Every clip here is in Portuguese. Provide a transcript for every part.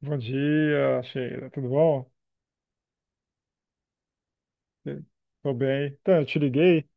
Bom dia, Sheila. Tudo bom? Tô bem. Então, eu te liguei.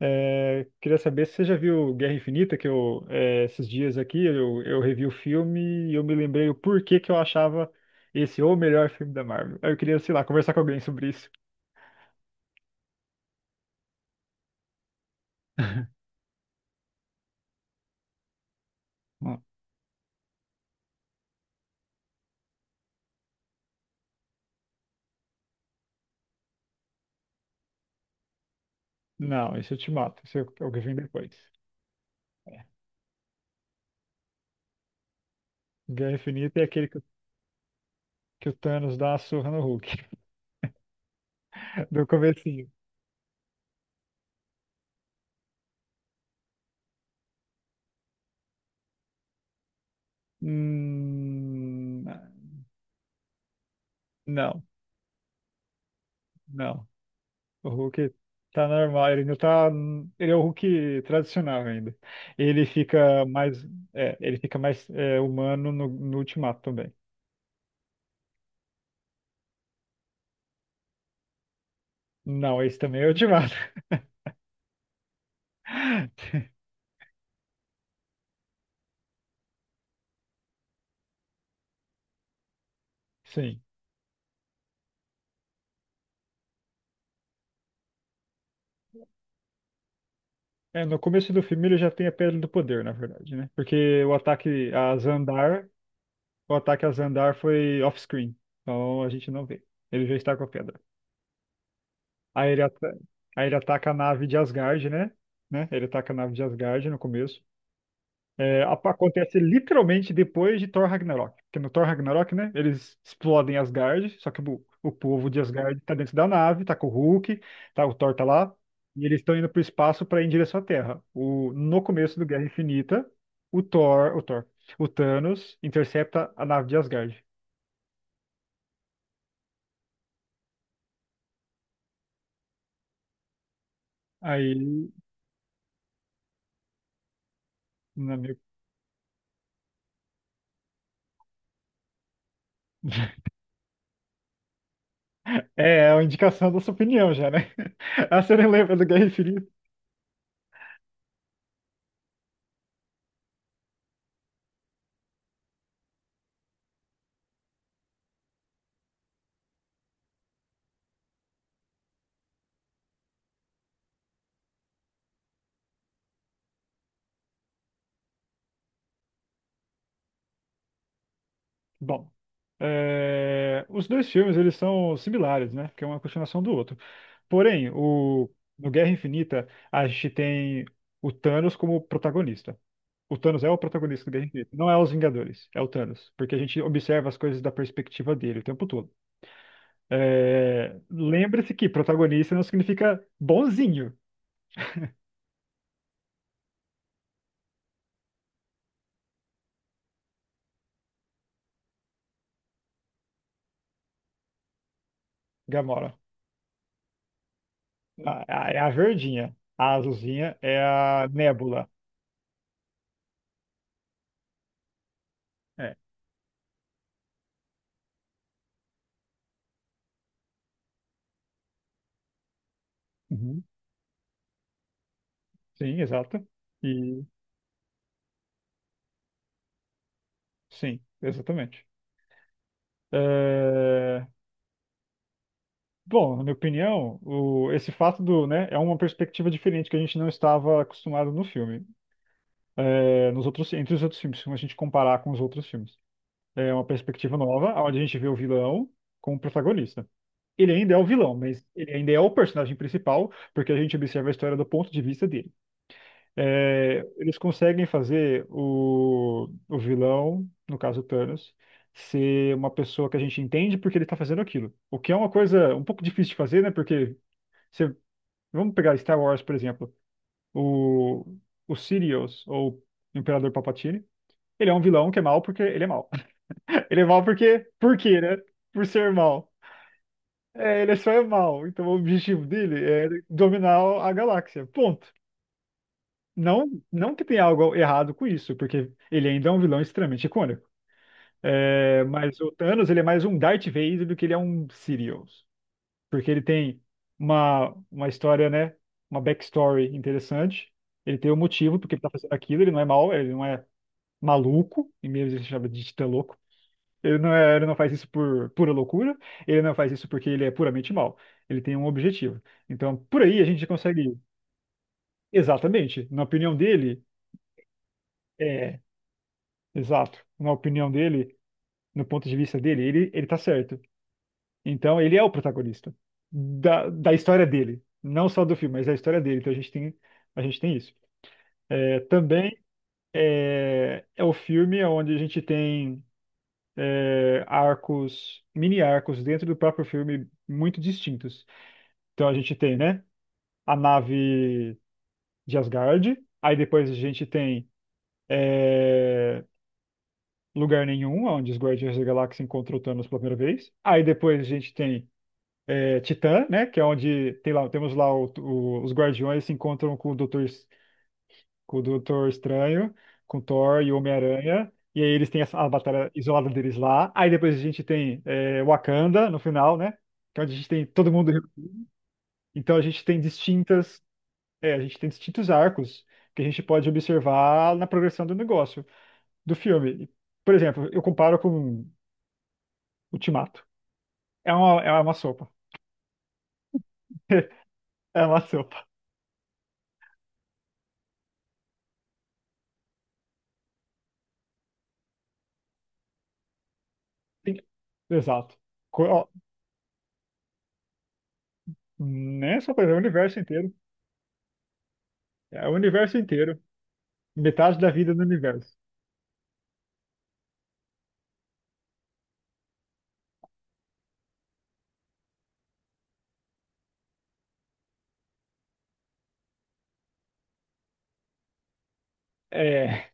Queria saber se você já viu Guerra Infinita, que esses dias aqui, eu revi o filme e eu me lembrei o porquê que eu achava esse o melhor filme da Marvel. Aí eu queria, sei lá, conversar com alguém sobre isso. Não, não, esse eu te mato. Esse é o que vem depois. É. Guerra Infinita é aquele que, que o Thanos dá a surra no Hulk, do comecinho. Hum, não, não. O Hulk tá normal, ele não tá. Ele é o Hulk tradicional ainda. Ele fica mais. É, ele fica mais humano no Ultimato também. Não, esse também é o Ultimato. Sim. É, no começo do filme ele já tem a Pedra do Poder, na verdade, né? Porque o ataque a Xandar foi off-screen. Então a gente não vê. Ele já está com a pedra. Aí ele, ata- aí ele ataca a nave de Asgard, né? Né? Ele ataca a nave de Asgard no começo. Acontece literalmente depois de Thor Ragnarok. Porque no Thor Ragnarok, né, eles explodem Asgard, só que o povo de Asgard tá dentro da nave, tá com o Hulk, tá, o Thor tá lá, e eles estão indo pro espaço para ir em direção à Terra. No começo do Guerra Infinita, o Thor, o Thor, o Thanos intercepta a nave de Asgard. Aí, na minha. É uma indicação da sua opinião já, né? Ah, você não lembra do Guerra Infinita? Bom, os dois filmes eles são similares, né? Porque um é uma continuação do outro. Porém, no Guerra Infinita, a gente tem o Thanos como protagonista. O Thanos é o protagonista do Guerra Infinita, não é os Vingadores, é o Thanos, porque a gente observa as coisas da perspectiva dele o tempo todo. É, lembre-se que protagonista não significa bonzinho, Gamora. É a verdinha, a azulzinha é a Nébula. É. Uhum. Sim, exato. Sim, exatamente. É, Bom, na minha opinião, esse fato do, né, é uma perspectiva diferente que a gente não estava acostumado no filme. Entre os outros filmes, se a gente comparar com os outros filmes. É uma perspectiva nova, onde a gente vê o vilão como protagonista. Ele ainda é o vilão, mas ele ainda é o personagem principal, porque a gente observa a história do ponto de vista dele. É, eles conseguem fazer o vilão, no caso o Thanos, ser uma pessoa que a gente entende porque ele está fazendo aquilo. O que é uma coisa um pouco difícil de fazer, né? Porque você, vamos pegar Star Wars, por exemplo. O, o Sirius, ou Imperador Palpatine, ele é um vilão que é mal porque ele é mal. Ele é mal porque, por quê, né? Por ser mal. É, ele é só é mal. Então o objetivo dele é dominar a galáxia. Ponto. Não, não que tenha algo errado com isso, porque ele ainda é um vilão extremamente icônico. É, mas o Thanos, ele é mais um Darth Vader do que ele é um Sirius. Porque ele tem uma história, né? Uma backstory interessante. Ele tem um motivo porque ele tá fazendo aquilo. Ele não é mau, ele não é maluco. E mesmo ele se chama de titã louco. Ele não é, ele não faz isso por pura loucura. Ele não faz isso porque ele é puramente mau. Ele tem um objetivo. Então, por aí a gente consegue. Exatamente. Na opinião dele. É, Exato. Na opinião dele, no ponto de vista dele, ele tá certo. Então, ele é o protagonista da história dele. Não só do filme, mas da história dele. Então, a gente tem isso. É, também é o filme onde a gente tem arcos, mini arcos dentro do próprio filme muito distintos. Então, a gente tem, né, a nave de Asgard. Aí, depois, a gente tem é, Lugar Nenhum, onde os Guardiões da Galáxia encontram o Thanos pela primeira vez. Aí depois a gente tem Titã, né? Que é onde temos lá os Guardiões se encontram com o Doutor Estranho, com Thor e o Homem-Aranha. E aí eles têm a, batalha isolada deles lá. Aí depois a gente tem Wakanda no final, né? Que é onde a gente tem todo mundo. Então a gente tem distintas, a gente tem distintos arcos que a gente pode observar na progressão do negócio, do filme. Por exemplo, eu comparo com Ultimato. É uma sopa. É uma sopa. Exato. Ó, nem só coisa, é o universo inteiro. É o universo inteiro. Metade da vida do universo. É,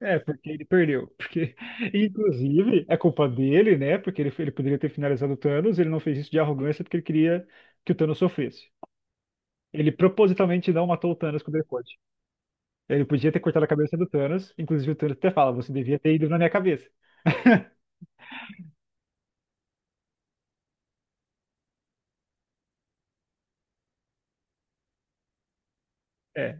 é porque ele perdeu. Porque, inclusive, é culpa dele, né? Porque ele poderia ter finalizado o Thanos, ele não fez isso de arrogância porque ele queria que o Thanos sofresse. Ele propositalmente não matou o Thanos quando ele pôde. Ele podia ter cortado a cabeça do Thanos, inclusive o Thanos até fala, você devia ter ido na minha cabeça. É.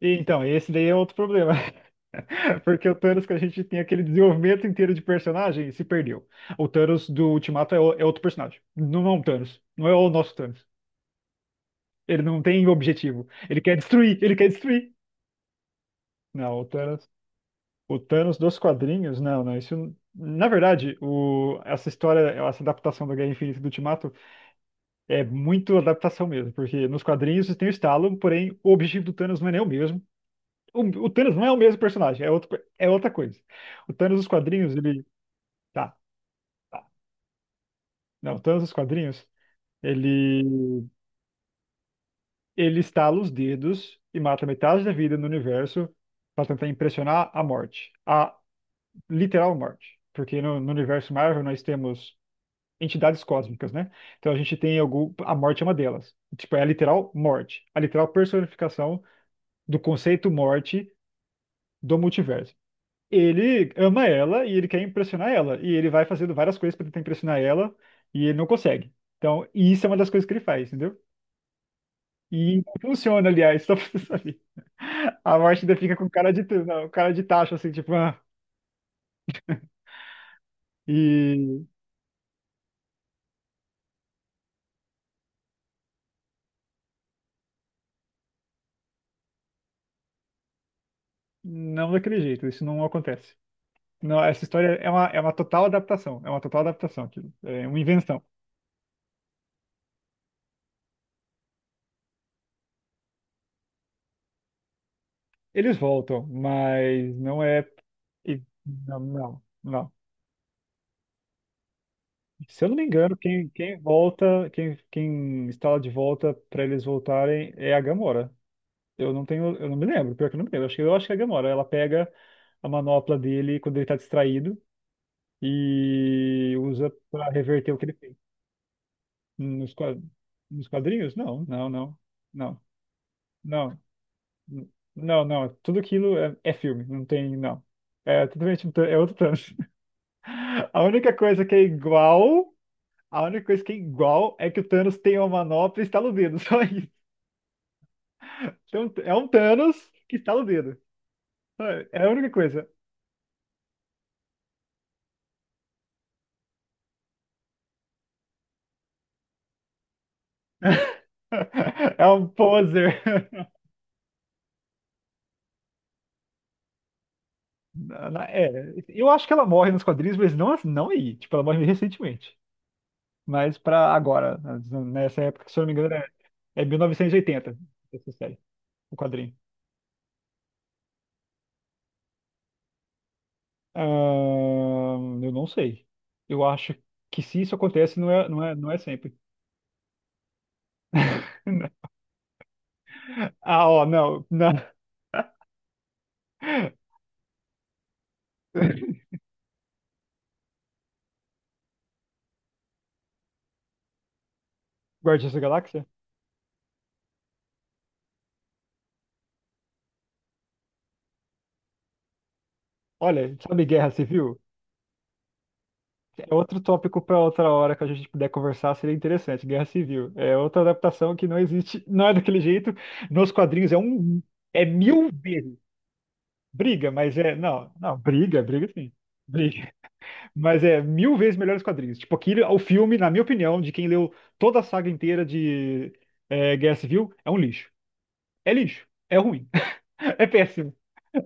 E, então, esse daí é outro problema. É porque o Thanos que a gente tem aquele desenvolvimento inteiro de personagem se perdeu. O Thanos do Ultimato é outro personagem. Não é um Thanos. Não é o nosso Thanos. Ele não tem objetivo. Ele quer destruir. Ele quer destruir. Não, o Thanos. O Thanos dos quadrinhos, não, não. Isso, na verdade, essa história, essa adaptação da Guerra Infinita e do Ultimato é muito adaptação mesmo, porque nos quadrinhos tem o estalo, porém o objetivo do Thanos não é nem o mesmo. O, o Thanos não é o mesmo personagem, é outra coisa. O Thanos dos quadrinhos, ele. Tá. Tá. Não, todos os quadrinhos. Ele, ele estala os dedos e mata metade da vida no universo para tentar impressionar a morte, a literal morte. Porque no universo Marvel nós temos entidades cósmicas, né? Então a gente tem algum, a morte é uma delas. Tipo, é a literal morte, a literal personificação do conceito morte do multiverso. Ele ama ela e ele quer impressionar ela. E ele vai fazendo várias coisas para tentar impressionar ela e ele não consegue. Então, e isso é uma das coisas que ele faz, entendeu? E funciona, aliás, só pra você saber. A morte ainda fica com cara de, não, cara de tacho, assim, tipo, ah, e não daquele jeito, isso não acontece. Não, essa história é uma total adaptação, é uma total adaptação, aquilo, é uma invenção. Eles voltam, mas não é. Não, não, não. Se eu não me engano, quem volta, quem está de volta para eles voltarem é a Gamora. Eu não me lembro, pior que eu não me lembro. Eu acho que é a Gamora. Ela pega a manopla dele quando ele tá distraído e usa pra reverter o que ele fez. Nos, qua- nos quadrinhos? Não, não, não, não, não, n- não, não. Tudo aquilo é filme, não tem, não. É totalmente, é outro Thanos. A única coisa que é igual, a única coisa que é igual é que o Thanos tem uma manopla e estala o dedo, só isso. Então, é um Thanos que estala o dedo. É a única coisa. É um poser. Na- na- É, eu acho que ela morre nos quadrinhos, mas não, não aí. Tipo, ela morre recentemente. Mas pra agora, nessa época, que, se eu não me engano, é 1980 essa série, o quadrinho. Eu não sei. Eu acho que se isso acontece, não é sempre. Ah, ó, não, não. Guardiões da Galáxia? Olha, sabe Guerra Civil? É outro tópico para outra hora que a gente puder conversar, seria interessante. Guerra Civil. É outra adaptação que não existe, não é daquele jeito. Nos quadrinhos é mil vezes briga, mas não, não, briga, briga sim. Briga. Mas é mil vezes melhor os quadrinhos. Tipo, aquilo, o filme, na minha opinião, de quem leu toda a saga inteira de Guerra Civil, é um lixo. É lixo. É ruim. É péssimo.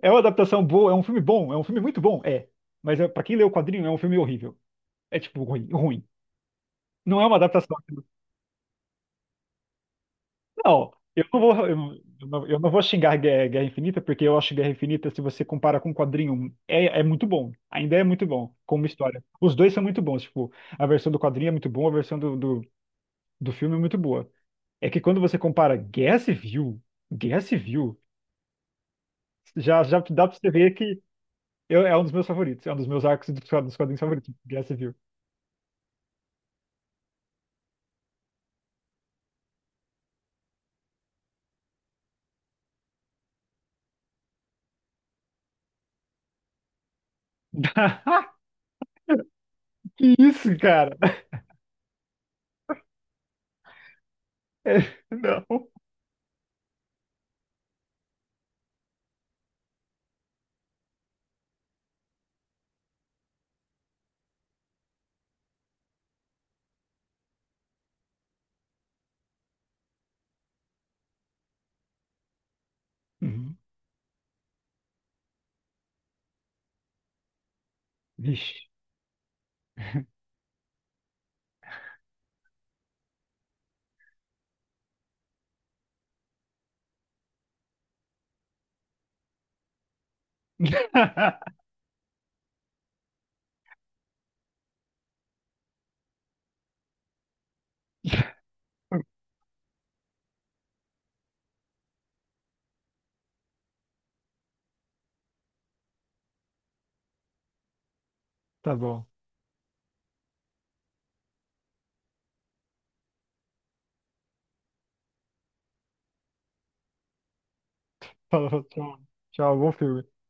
É uma adaptação boa, é um filme bom, é um filme muito bom, é. Mas para quem leu o quadrinho, é um filme horrível. É tipo ruim, ruim. Não é uma adaptação. Não, eu não vou xingar Guerra Infinita, porque eu acho Guerra Infinita, se você compara com o quadrinho, é muito bom. Ainda é muito bom, como história. Os dois são muito bons, tipo, a versão do quadrinho é muito boa, a versão do filme é muito boa. É que quando você compara Guerra Civil, Guerra Civil, já dá pra você ver que é um dos meus favoritos, é um dos meus arcos dos quadrinhos favoritos, Guerra Civil. Que isso, cara? Não. Uhum. Vixe. Tá bom. Falou, tchau. Tchau, bom filme.